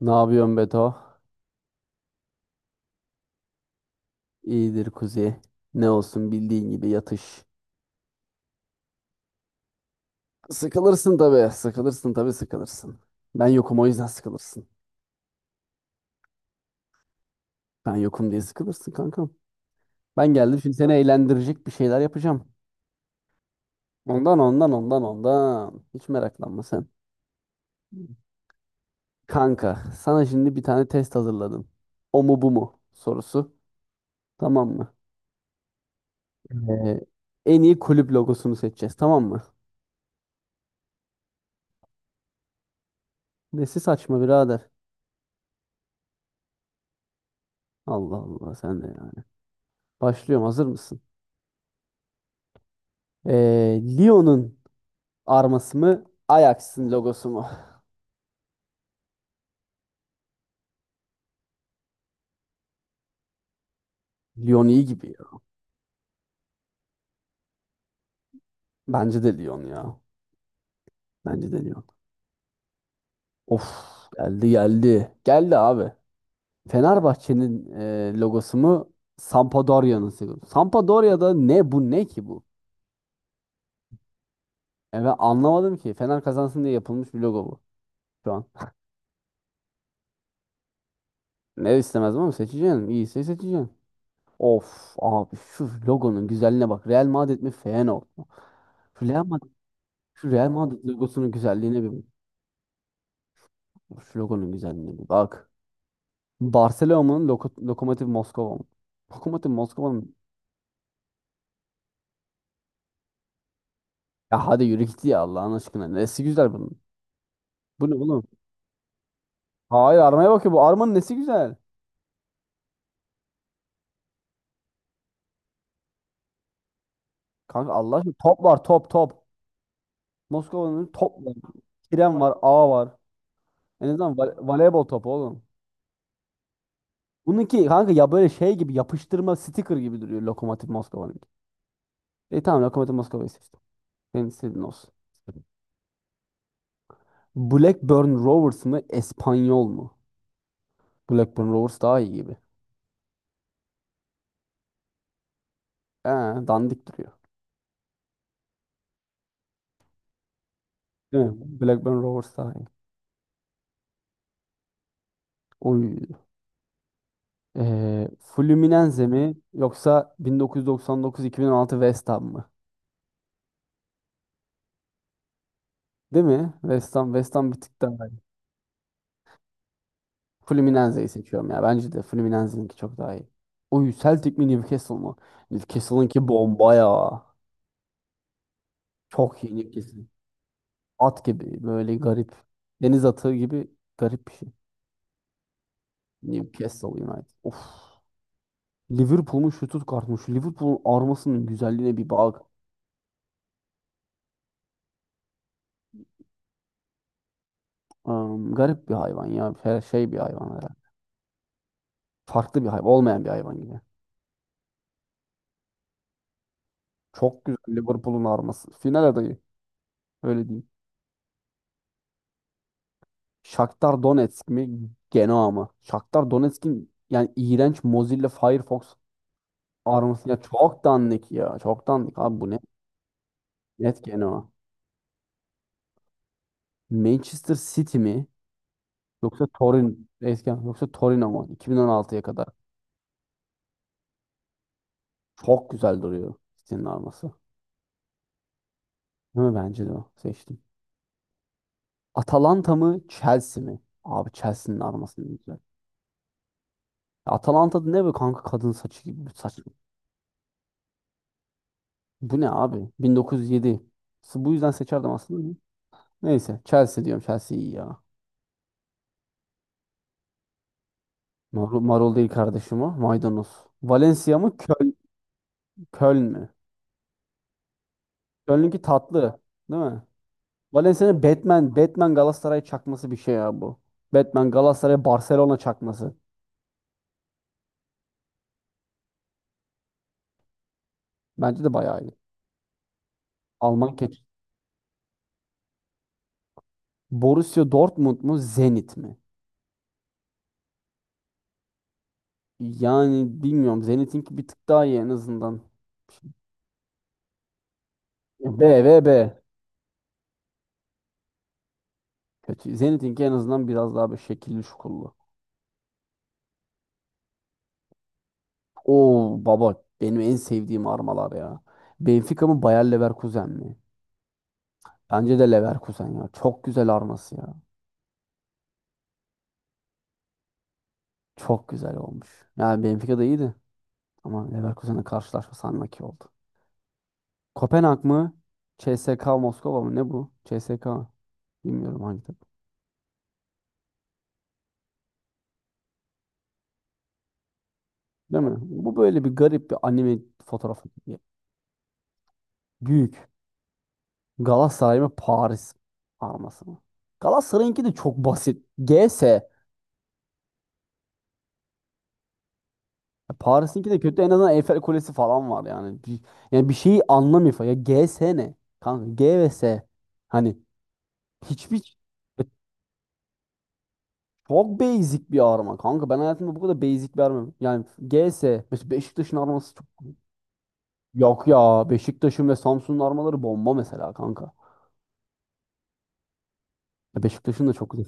Ne yapıyorsun Beto? İyidir kuzi. Ne olsun bildiğin gibi yatış. Sıkılırsın tabii. Sıkılırsın tabii sıkılırsın. Ben yokum o yüzden sıkılırsın. Ben yokum diye sıkılırsın kankam. Ben geldim şimdi seni eğlendirecek bir şeyler yapacağım. Ondan ondan ondan ondan. Hiç meraklanma sen. Kanka sana şimdi bir tane test hazırladım. O mu bu mu sorusu. Tamam mı? Ee, En iyi kulüp logosunu seçeceğiz, tamam mı? Nesi saçma birader. Allah Allah sen de yani. Başlıyorum, hazır mısın? Lyon'un arması mı, Ajax'ın logosu mu? Lyon iyi gibi ya. Bence de Lyon ya. Bence de Lyon. Of, geldi geldi. Geldi abi. Fenerbahçe'nin logosu mu, Sampdoria'nın logosu? Sampdoria'da ne bu, ne ki bu? E ben anlamadım ki. Fener kazansın diye yapılmış bir logo bu şu an. Ne istemezdim ama seçeceğim. İyiyse seçeceğim. Of abi, şu logonun güzelliğine bak. Real Madrid mi Feyenoord mu? Şu Real Madrid, şu Real Madrid logosunun güzelliğine bir bak. Şu logonun güzelliğine bir bak. Barcelona'nın Lokomotiv Moskova mı? Lokomotiv Moskova mı? Ya hadi yürü git ya Allah'ın aşkına. Nesi güzel bunun? Bu ne oğlum? Hayır, armaya bak ya, bu armanın nesi güzel? Kanka Allah aşkına top var, top top. Moskova'nın top var. Tren var, ağ var. En azından voleybol topu oğlum. Bununki kanka ya böyle şey gibi, yapıştırma sticker gibi duruyor Lokomotiv Moskova'nınki. E tamam, Lokomotiv Moskova'yı seçtim. Senin istediğin olsun. Blackburn Rovers mı? Espanyol mu? Blackburn Rovers daha iyi gibi. Ee, Dandik duruyor. Değil mi? Blackburn Rovers daha iyi. Oy. Fluminense mi yoksa 1999-2016 West Ham mı? Değil mi? West Ham bir tık daha iyi. Fluminense'yi seçiyorum ya. Bence de Fluminense'ninki çok daha iyi. Oy, Celtic mi Newcastle mı? Newcastle'ınki bomba ya. Çok iyi Newcastle. At gibi böyle garip. Deniz atı gibi garip bir şey. Newcastle United. Of. Liverpool'un şu tut kartmış. Liverpool'un armasının güzelliğine bir bak. Garip bir hayvan ya. Her şey bir hayvan herhalde. Farklı bir hayvan. Olmayan bir hayvan gibi. Çok güzel Liverpool'un arması. Final adayı. Öyle diyeyim. Shakhtar Donetsk mi? Genoa mı? Shakhtar Donetsk'in yani iğrenç Mozilla Firefox arması. Ya çok dandik ya. Çok dandik. Abi bu ne? Net Genoa. Manchester City mi? Yoksa Torin eski yoksa Torino mu? 2016'ya kadar. Çok güzel duruyor City'nin arması. Değil mi? Bence de o. Seçtim. Atalanta mı Chelsea mi? Abi Chelsea'nin arması ne güzel. Atalanta'da ne böyle kanka, kadın saçı gibi bir saç. Bu ne abi? 1907. Bu yüzden seçerdim aslında. Neyse Chelsea diyorum, Chelsea iyi ya. Marul değil kardeşim o. Maydanoz. Valencia mı Köln, Köln mü? Köln'ünki tatlı, değil mi? Valencia'nın Batman Batman Galatasaray çakması bir şey ya bu. Batman Galatasaray Barcelona çakması. Bence de bayağı iyi. Alman keç. Borussia Dortmund mu Zenit mi? Yani bilmiyorum. Zenit'inki bir tık daha iyi en azından. B ve B. Kötü. Zenit'inki en azından biraz daha bir şekilli şukullu. Oo baba, benim en sevdiğim armalar ya. Benfica mı Bayer Leverkusen mi? Bence de Leverkusen ya. Çok güzel arması ya. Çok güzel olmuş. Yani Benfica da iyiydi. Ama Leverkusen'le karşılaşma sanmaki oldu. Kopenhag mı? CSKA Moskova mı? Ne bu? CSKA. Bilmiyorum hangi takım. Değil mi? Bu böyle bir garip bir anime fotoğrafı gibi. Büyük. Galatasaray mı Paris forması mı? Galatasaray'ınki de çok basit. GS. Ya Paris'inki de kötü. En azından Eiffel Kulesi falan var yani. Bir, yani bir şeyi anlamıyor falan. Ya GS ne? Kanka G ve S. Hani hiçbir e, çok basic bir arma kanka. Ben hayatımda bu kadar basic bir arma. Yani GS. Mesela Beşiktaş'ın arması çok... Yok ya. Beşiktaş'ın ve Samsun'un armaları bomba mesela kanka. Ya Beşiktaş'ın da çok güzel.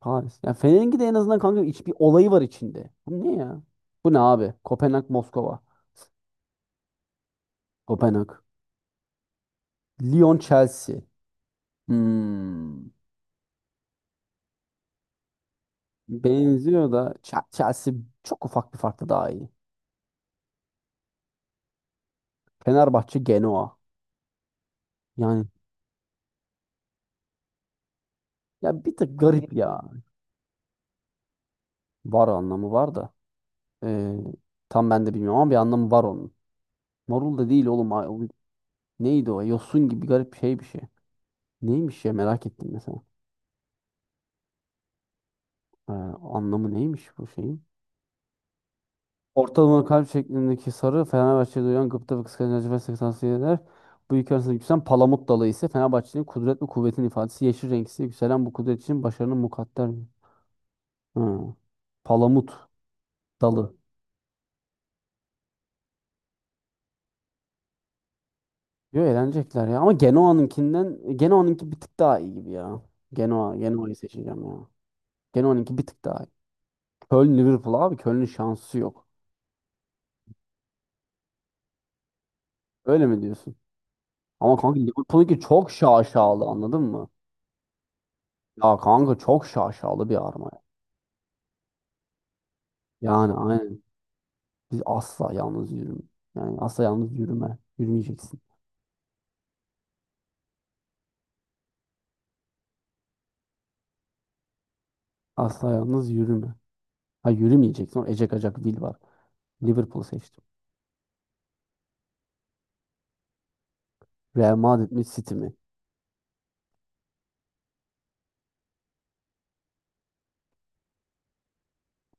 Paris. Ya Fener'inki de en azından kanka iç bir olayı var içinde. Bu ne ya? Bu ne abi? Kopenhag Moskova. Kopenhag. Lyon Chelsea. Hmm. Benziyor da Chelsea çok ufak bir farkla daha iyi. Fenerbahçe Genoa. Yani ya bir tık garip ya. Var, anlamı var da. Ee, Tam ben de bilmiyorum ama bir anlamı var onun. Marul da değil oğlum. Neydi o? Yosun gibi garip şey bir şey. Neymiş ya, merak ettim mesela. Ee, Anlamı neymiş bu şey? Ortalama kalp şeklindeki sarı Fenerbahçe'de uyan gıpta ve kıskanç acı ve seksansı. Bu iki arasında yükselen palamut dalı ise Fenerbahçe'nin kudret ve kuvvetin ifadesi. Yeşil renk ise yükselen bu kudret için başarının mukadder. Ha, palamut dalı. Yo, eğlenecekler ya. Ama Genoa'nınkinden Genoa'nınki bir tık daha iyi gibi ya. Genoa, Genoa'yı seçeceğim ya. Genoa'nınki bir tık daha iyi. Köln Liverpool, abi Köln'ün şansı yok. Öyle mi diyorsun? Ama kanka Liverpool'unki çok şaşalı, anladın mı? Ya kanka çok şaşalı bir arma ya. Yani aynen. Biz asla yalnız yürüme. Yani asla yalnız yürüme. Yürümeyeceksin. Asla yalnız yürüme. Ha, yürümeyeceksin. Orada Ecek Acak Will var. Liverpool seçtim. Real Madrid mi City mi?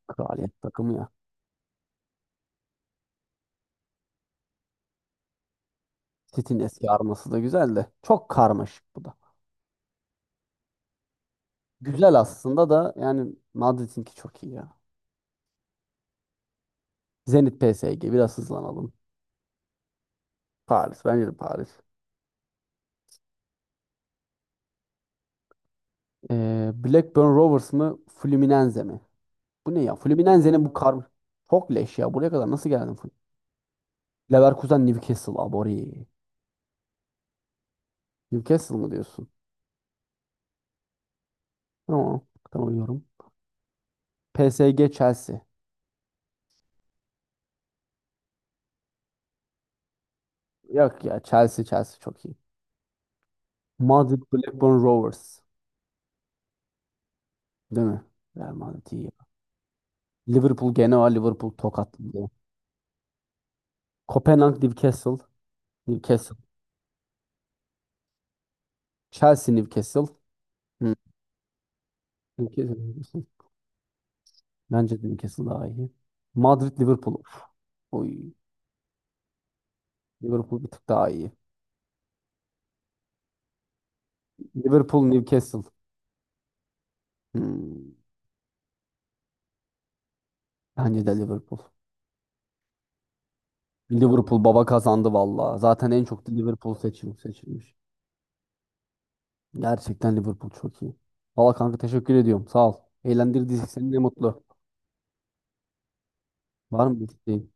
Kraliyet takımı ya. City'nin eski arması da güzel de. Çok karmaşık bu da. Güzel aslında da, yani Madrid'inki çok iyi ya. Zenit PSG, biraz hızlanalım. Paris, bence de Paris. Blackburn Rovers mı Fluminense mi? Bu ne ya? Fluminense'nin bu kar çok leş ya. Buraya kadar nasıl geldin Fluminense? Leverkusen Newcastle abori. Newcastle mı diyorsun? Tamam. Tamam yorum. PSG Chelsea. Yok ya, Chelsea Chelsea çok iyi. Madrid Blackburn Rovers. Değil mi? Real Madrid iyi ya. Liverpool gene var. Liverpool tokatladı. Kopenhag Newcastle. Newcastle. Chelsea Newcastle. Hı. Newcastle. Newcastle. Bence de Newcastle daha iyi. Madrid Liverpool. Uf. Oy. Liverpool bir tık daha iyi. Liverpool Newcastle. Hmm. Bence de Liverpool. Liverpool baba kazandı valla. Zaten en çok da Liverpool seçilmiş. Gerçekten Liverpool çok iyi. Valla kanka teşekkür ediyorum. Sağ ol. Eğlendirdiyse seni ne mutlu. Var mı bir isteğin?